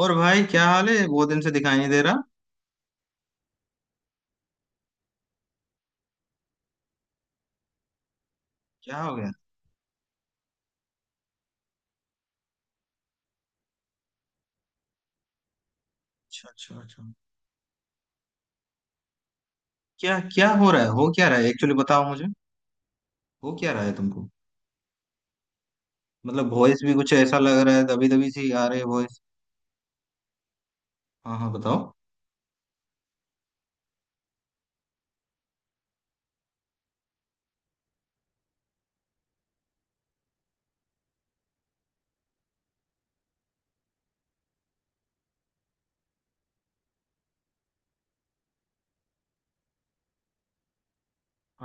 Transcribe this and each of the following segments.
और भाई, क्या हाल है? बहुत दिन से दिखाई नहीं दे रहा। क्या हो गया? अच्छा, अच्छा, अच्छा। क्या क्या हो रहा है, हो क्या रहा है एक्चुअली, बताओ मुझे। हो क्या रहा है तुमको? मतलब वॉइस भी कुछ ऐसा लग रहा है, दबी दबी सी आ रही है वॉइस। हाँ हाँ, बताओ।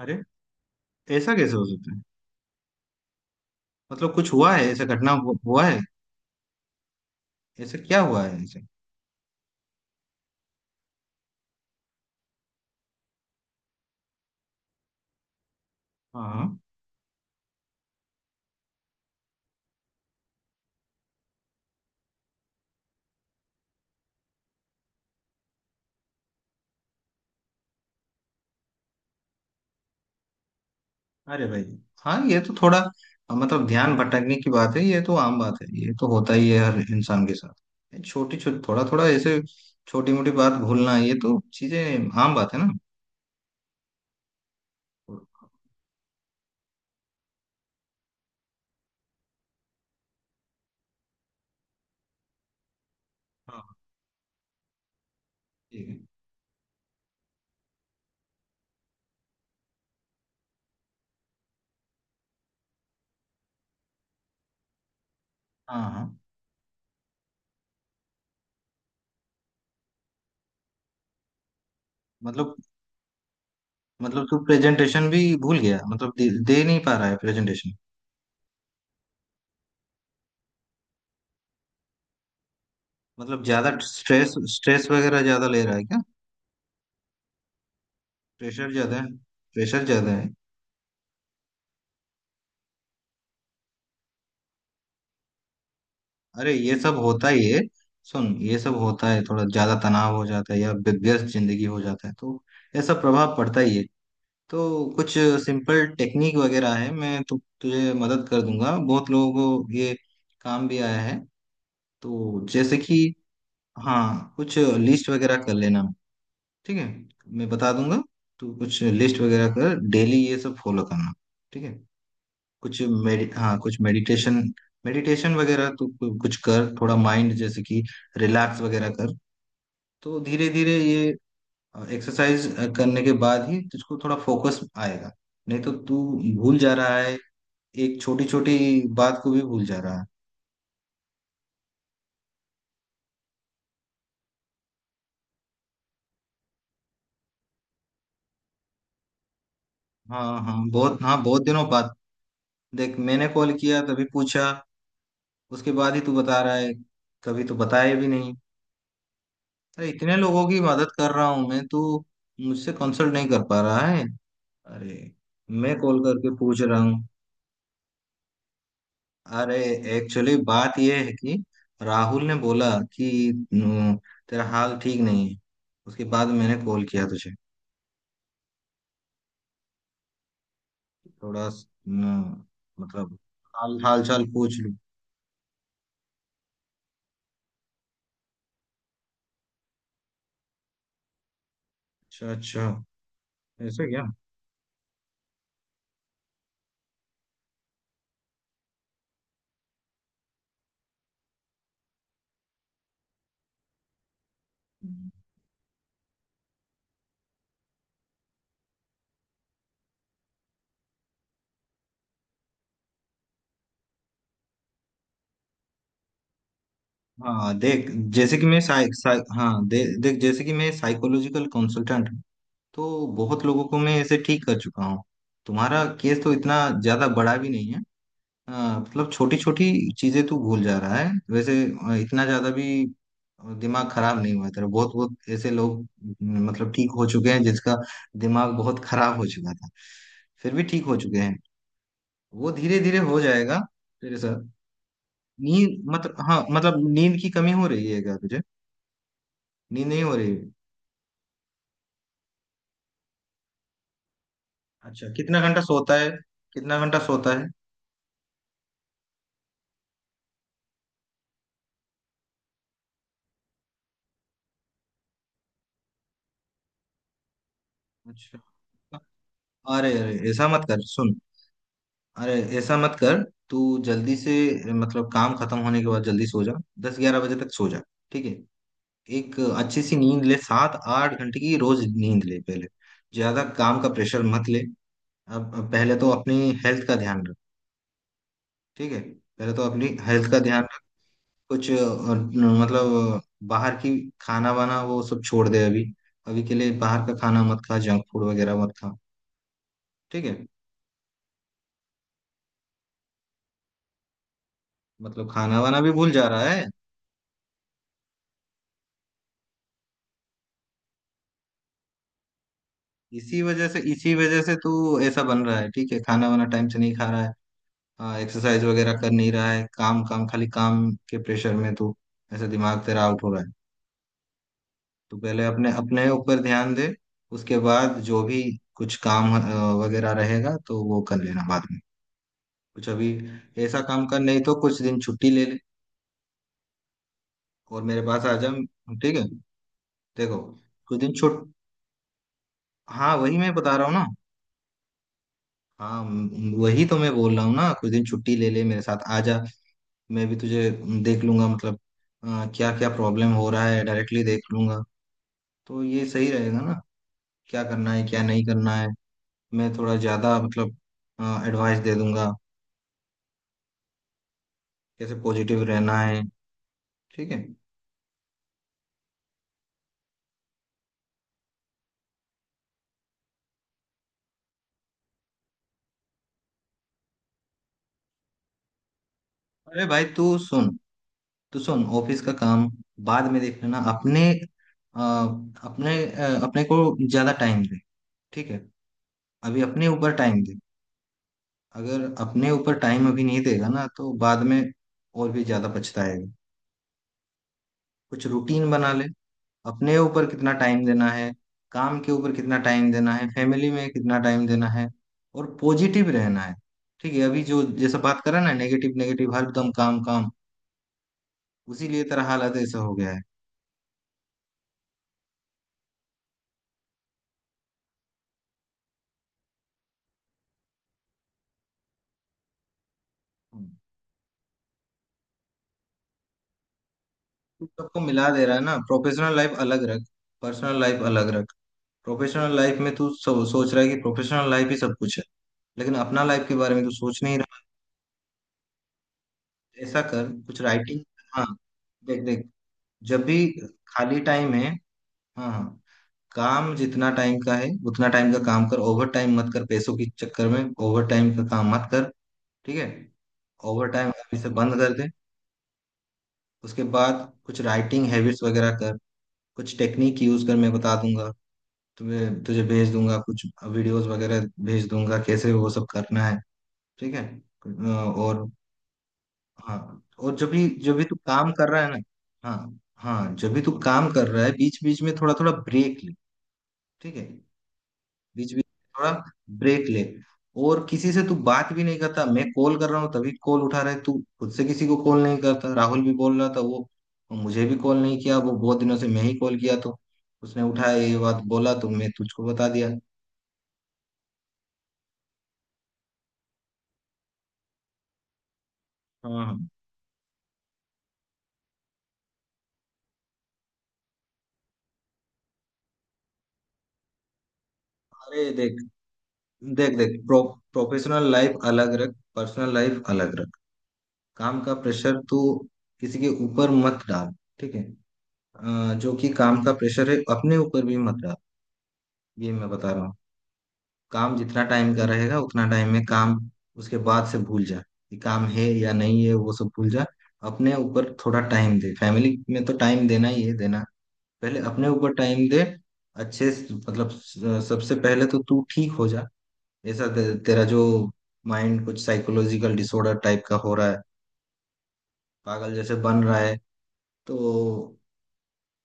अरे ऐसा कैसे हो सकता है? मतलब कुछ हुआ है ऐसा, घटना हुआ है? ऐसा क्या हुआ है ऐसे? हाँ हाँ। अरे भाई। हाँ ये तो थोड़ा मतलब ध्यान भटकने की बात है, ये तो आम बात है, ये तो होता ही है हर इंसान के साथ, छोटी छोटी थोड़ा थोड़ा ऐसे छोटी मोटी बात भूलना, ये तो चीजें आम बात है ना। हाँ ठीक है। हाँ हाँ मतलब मतलब तू प्रेजेंटेशन भी भूल गया, मतलब दे नहीं पा रहा है प्रेजेंटेशन? मतलब ज्यादा स्ट्रेस स्ट्रेस वगैरह ज्यादा ले रहा है क्या? प्रेशर ज्यादा है? प्रेशर ज्यादा है? अरे ये सब होता ही है। सुन, ये सब होता है, थोड़ा ज्यादा तनाव हो जाता है या व्यस्त जिंदगी हो जाता है तो ऐसा प्रभाव पड़ता ही है। तो कुछ सिंपल टेक्निक वगैरह है, मैं तुझे मदद कर दूंगा, बहुत लोगों को ये काम भी आया है। तो जैसे कि, हाँ कुछ लिस्ट वगैरह कर लेना, ठीक है? मैं बता दूंगा। तो कुछ लिस्ट वगैरह कर, डेली ये सब फॉलो करना, ठीक है? कुछ मेडि हाँ कुछ मेडिटेशन, मेडिटेशन वगैरह तो कुछ कर, थोड़ा माइंड जैसे कि रिलैक्स वगैरह कर। तो धीरे धीरे ये एक्सरसाइज करने के बाद ही तुझको थोड़ा फोकस आएगा, नहीं तो तू भूल जा रहा है, एक छोटी छोटी बात को भी भूल जा रहा है। हाँ हाँ बहुत, हाँ बहुत दिनों बाद। देख, मैंने कॉल किया तभी पूछा, उसके बाद ही तू बता रहा है, कभी तो बताया भी नहीं। अरे इतने लोगों की मदद कर रहा हूँ मैं, तू मुझसे कंसल्ट नहीं कर पा रहा है? अरे, मैं कॉल करके पूछ रहा हूँ। अरे, एक्चुअली बात यह है कि राहुल ने बोला कि न, तेरा हाल ठीक नहीं है, उसके बाद मैंने कॉल किया तुझे, थोड़ा स- न, मतलब हाल हाल चाल पूछ लूँ। अच्छा, अच्छा। ऐसा क्या? हाँ देख जैसे कि मैं साइकोलॉजिकल कंसल्टेंट हूँ, तो बहुत लोगों को मैं ऐसे ठीक कर चुका हूँ। तुम्हारा केस तो इतना ज्यादा बड़ा भी नहीं है, हाँ मतलब छोटी छोटी चीजें तू भूल जा रहा है, वैसे इतना ज्यादा भी दिमाग खराब नहीं हुआ तेरा। बहुत बहुत ऐसे लोग मतलब ठीक हो चुके हैं जिसका दिमाग बहुत खराब हो चुका था, फिर भी ठीक हो चुके हैं। वो धीरे धीरे हो जाएगा तेरे साथ। नींद, मतलब हाँ मतलब नींद की कमी हो रही है क्या तुझे? नींद नहीं हो रही है? अच्छा, कितना घंटा सोता है? कितना घंटा सोता है? अच्छा, अरे अरे ऐसा मत कर, सुन। अरे ऐसा मत कर। तू जल्दी से, मतलब काम खत्म होने के बाद जल्दी सो जा, 10-11 बजे तक सो जा, ठीक है? एक अच्छी सी नींद ले, 7-8 घंटे की रोज नींद ले पहले, ज्यादा काम का प्रेशर मत ले। अब पहले तो अपनी हेल्थ का ध्यान रख, ठीक है, पहले तो अपनी हेल्थ का ध्यान रख। कुछ मतलब बाहर की खाना वाना वो सब छोड़ दे अभी, अभी के लिए बाहर का खाना मत खा, जंक फूड वगैरह मत खा, ठीक है? मतलब खाना वाना भी भूल जा रहा है? इसी वजह से, इसी वजह से तू ऐसा बन रहा है, ठीक है, खाना वाना टाइम से नहीं खा रहा है, एक्सरसाइज वगैरह कर नहीं रहा है, काम काम, खाली काम के प्रेशर में तू, ऐसा दिमाग तेरा आउट हो रहा है। तू पहले अपने, अपने ऊपर ध्यान दे, उसके बाद जो भी कुछ काम वगैरह रहेगा तो वो कर लेना बाद में। कुछ अभी ऐसा काम कर, नहीं तो कुछ दिन छुट्टी ले ले और मेरे पास आ जा, ठीक है? देखो, कुछ दिन छुट हाँ वही मैं बता रहा हूँ ना, हाँ वही तो मैं बोल रहा हूँ ना, कुछ दिन छुट्टी ले ले, मेरे साथ आ जा, मैं भी तुझे देख लूंगा, मतलब क्या क्या प्रॉब्लम हो रहा है डायरेक्टली देख लूंगा, तो ये सही रहेगा ना? क्या करना है क्या नहीं करना है, मैं थोड़ा ज्यादा मतलब एडवाइस दे दूंगा कैसे पॉजिटिव रहना है, ठीक है? अरे भाई तू सुन, तू सुन, ऑफिस का काम बाद में देख लेना, अपने अ, अपने को ज्यादा टाइम दे, ठीक है? अभी अपने ऊपर टाइम दे, अगर अपने ऊपर टाइम अभी नहीं देगा ना तो बाद में और भी ज्यादा पछताएगा। कुछ रूटीन बना ले, अपने ऊपर कितना टाइम देना है, काम के ऊपर कितना टाइम देना है, फैमिली में कितना टाइम देना है, और पॉजिटिव रहना है, ठीक है? अभी जो जैसा बात करा ना, नेगेटिव नेगेटिव, हरदम काम काम, उसीलिए तेरा हालत ऐसा हो गया है। तू सबको मिला दे रहा है ना, प्रोफेशनल लाइफ अलग रख, पर्सनल लाइफ अलग रख। प्रोफेशनल लाइफ में तू सोच रहा है कि प्रोफेशनल लाइफ ही सब कुछ है, लेकिन अपना लाइफ के बारे में तू सोच नहीं रहा। ऐसा कर, कुछ राइटिंग, हाँ, देख देख, जब भी खाली टाइम है, हाँ हाँ, काम जितना टाइम का है उतना टाइम का काम कर, ओवर टाइम मत कर, पैसों के चक्कर में ओवर टाइम का काम मत कर, ठीक है? ओवर टाइम अभी से बंद कर दे। उसके बाद कुछ राइटिंग हैबिट्स वगैरह कर, कुछ टेक्निक यूज कर, मैं बता दूंगा, तुम्हें तुझे भेज दूंगा कुछ वीडियोस वगैरह, भेज दूंगा कैसे वो सब करना है, ठीक है? और हाँ, और जब भी, जब भी तू काम कर रहा है ना, हाँ हाँ, जब भी तू काम कर रहा है बीच बीच में थोड़ा थोड़ा ब्रेक ले, ठीक है? बीच बीच में थोड़ा ब्रेक ले। और किसी से तू बात भी नहीं करता, मैं कॉल कर रहा हूँ तभी कॉल उठा रहा है तू, खुद से किसी को कॉल नहीं करता। राहुल भी बोल रहा था, वो मुझे भी कॉल नहीं किया वो बहुत दिनों से, मैं ही कॉल किया तो उसने उठाया, ये बात बोला, तो मैं तुझको बता दिया। हाँ हाँ। अरे देख, देख देख, प्रोफेशनल लाइफ अलग रख, पर्सनल लाइफ अलग रख। काम का प्रेशर तू किसी के ऊपर मत डाल, ठीक है? जो कि काम का प्रेशर है, अपने ऊपर भी मत डाल, ये मैं बता रहा हूँ। काम जितना टाइम का रहेगा उतना टाइम में काम, उसके बाद से भूल जा कि काम है या नहीं है, वो सब भूल जा। अपने ऊपर थोड़ा टाइम दे, फैमिली में तो टाइम देना ही है देना, पहले अपने ऊपर टाइम दे। अच्छे से- मतलब स- सबसे पहले तो तू ठीक हो जा। ऐसा तेरा जो माइंड कुछ साइकोलॉजिकल डिसऑर्डर टाइप का हो रहा है, पागल जैसे बन रहा है, तो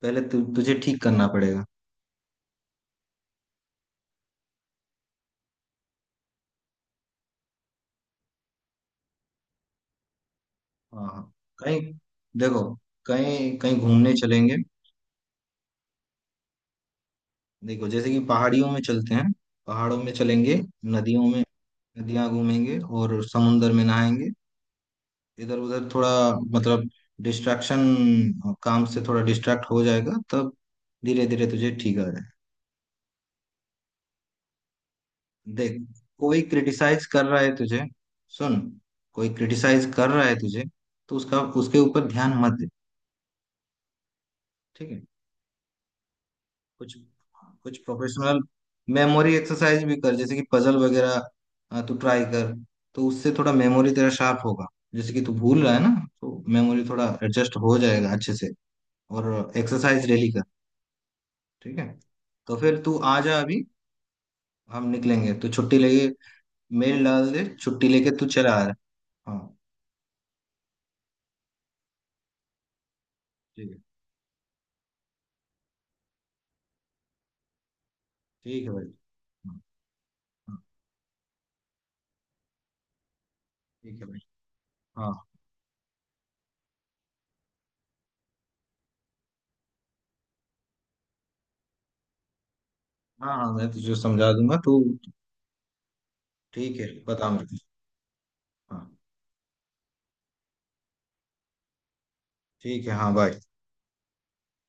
पहले तुझे ठीक करना पड़ेगा। हाँ हाँ। कहीं, देखो, कहीं कहीं घूमने चलेंगे। देखो, जैसे कि पहाड़ियों में चलते हैं, पहाड़ों में चलेंगे, नदियों में, नदियां घूमेंगे, और समुंदर में नहाएंगे, इधर उधर थोड़ा, मतलब डिस्ट्रैक्शन, काम से थोड़ा डिस्ट्रैक्ट हो जाएगा तब धीरे धीरे तुझे ठीक आ जाए। देख, कोई क्रिटिसाइज कर रहा है तुझे, सुन, कोई क्रिटिसाइज कर रहा है तुझे तो उसका उसके ऊपर ध्यान मत दे, ठीक है? कुछ कुछ प्रोफेशनल मेमोरी एक्सरसाइज भी कर, जैसे कि पजल वगैरह तू ट्राई कर, तो उससे थोड़ा मेमोरी तेरा शार्प होगा, जैसे कि तू भूल रहा है ना, तो मेमोरी थोड़ा एडजस्ट हो जाएगा अच्छे से। और एक्सरसाइज डेली कर, ठीक है? तो फिर तू आ जा अभी, हम निकलेंगे तो छुट्टी लेके मेल डाल दे, छुट्टी लेके तू चला आ रहा है। हाँ। ठीक है। ठीक है भाई। हाँ हाँ, ठीक है भाई। हाँ, हाँ हाँ मैं तुझे समझा दूंगा तू। ठीक है, बता मेरे को। हाँ ठीक है। हाँ, बाय।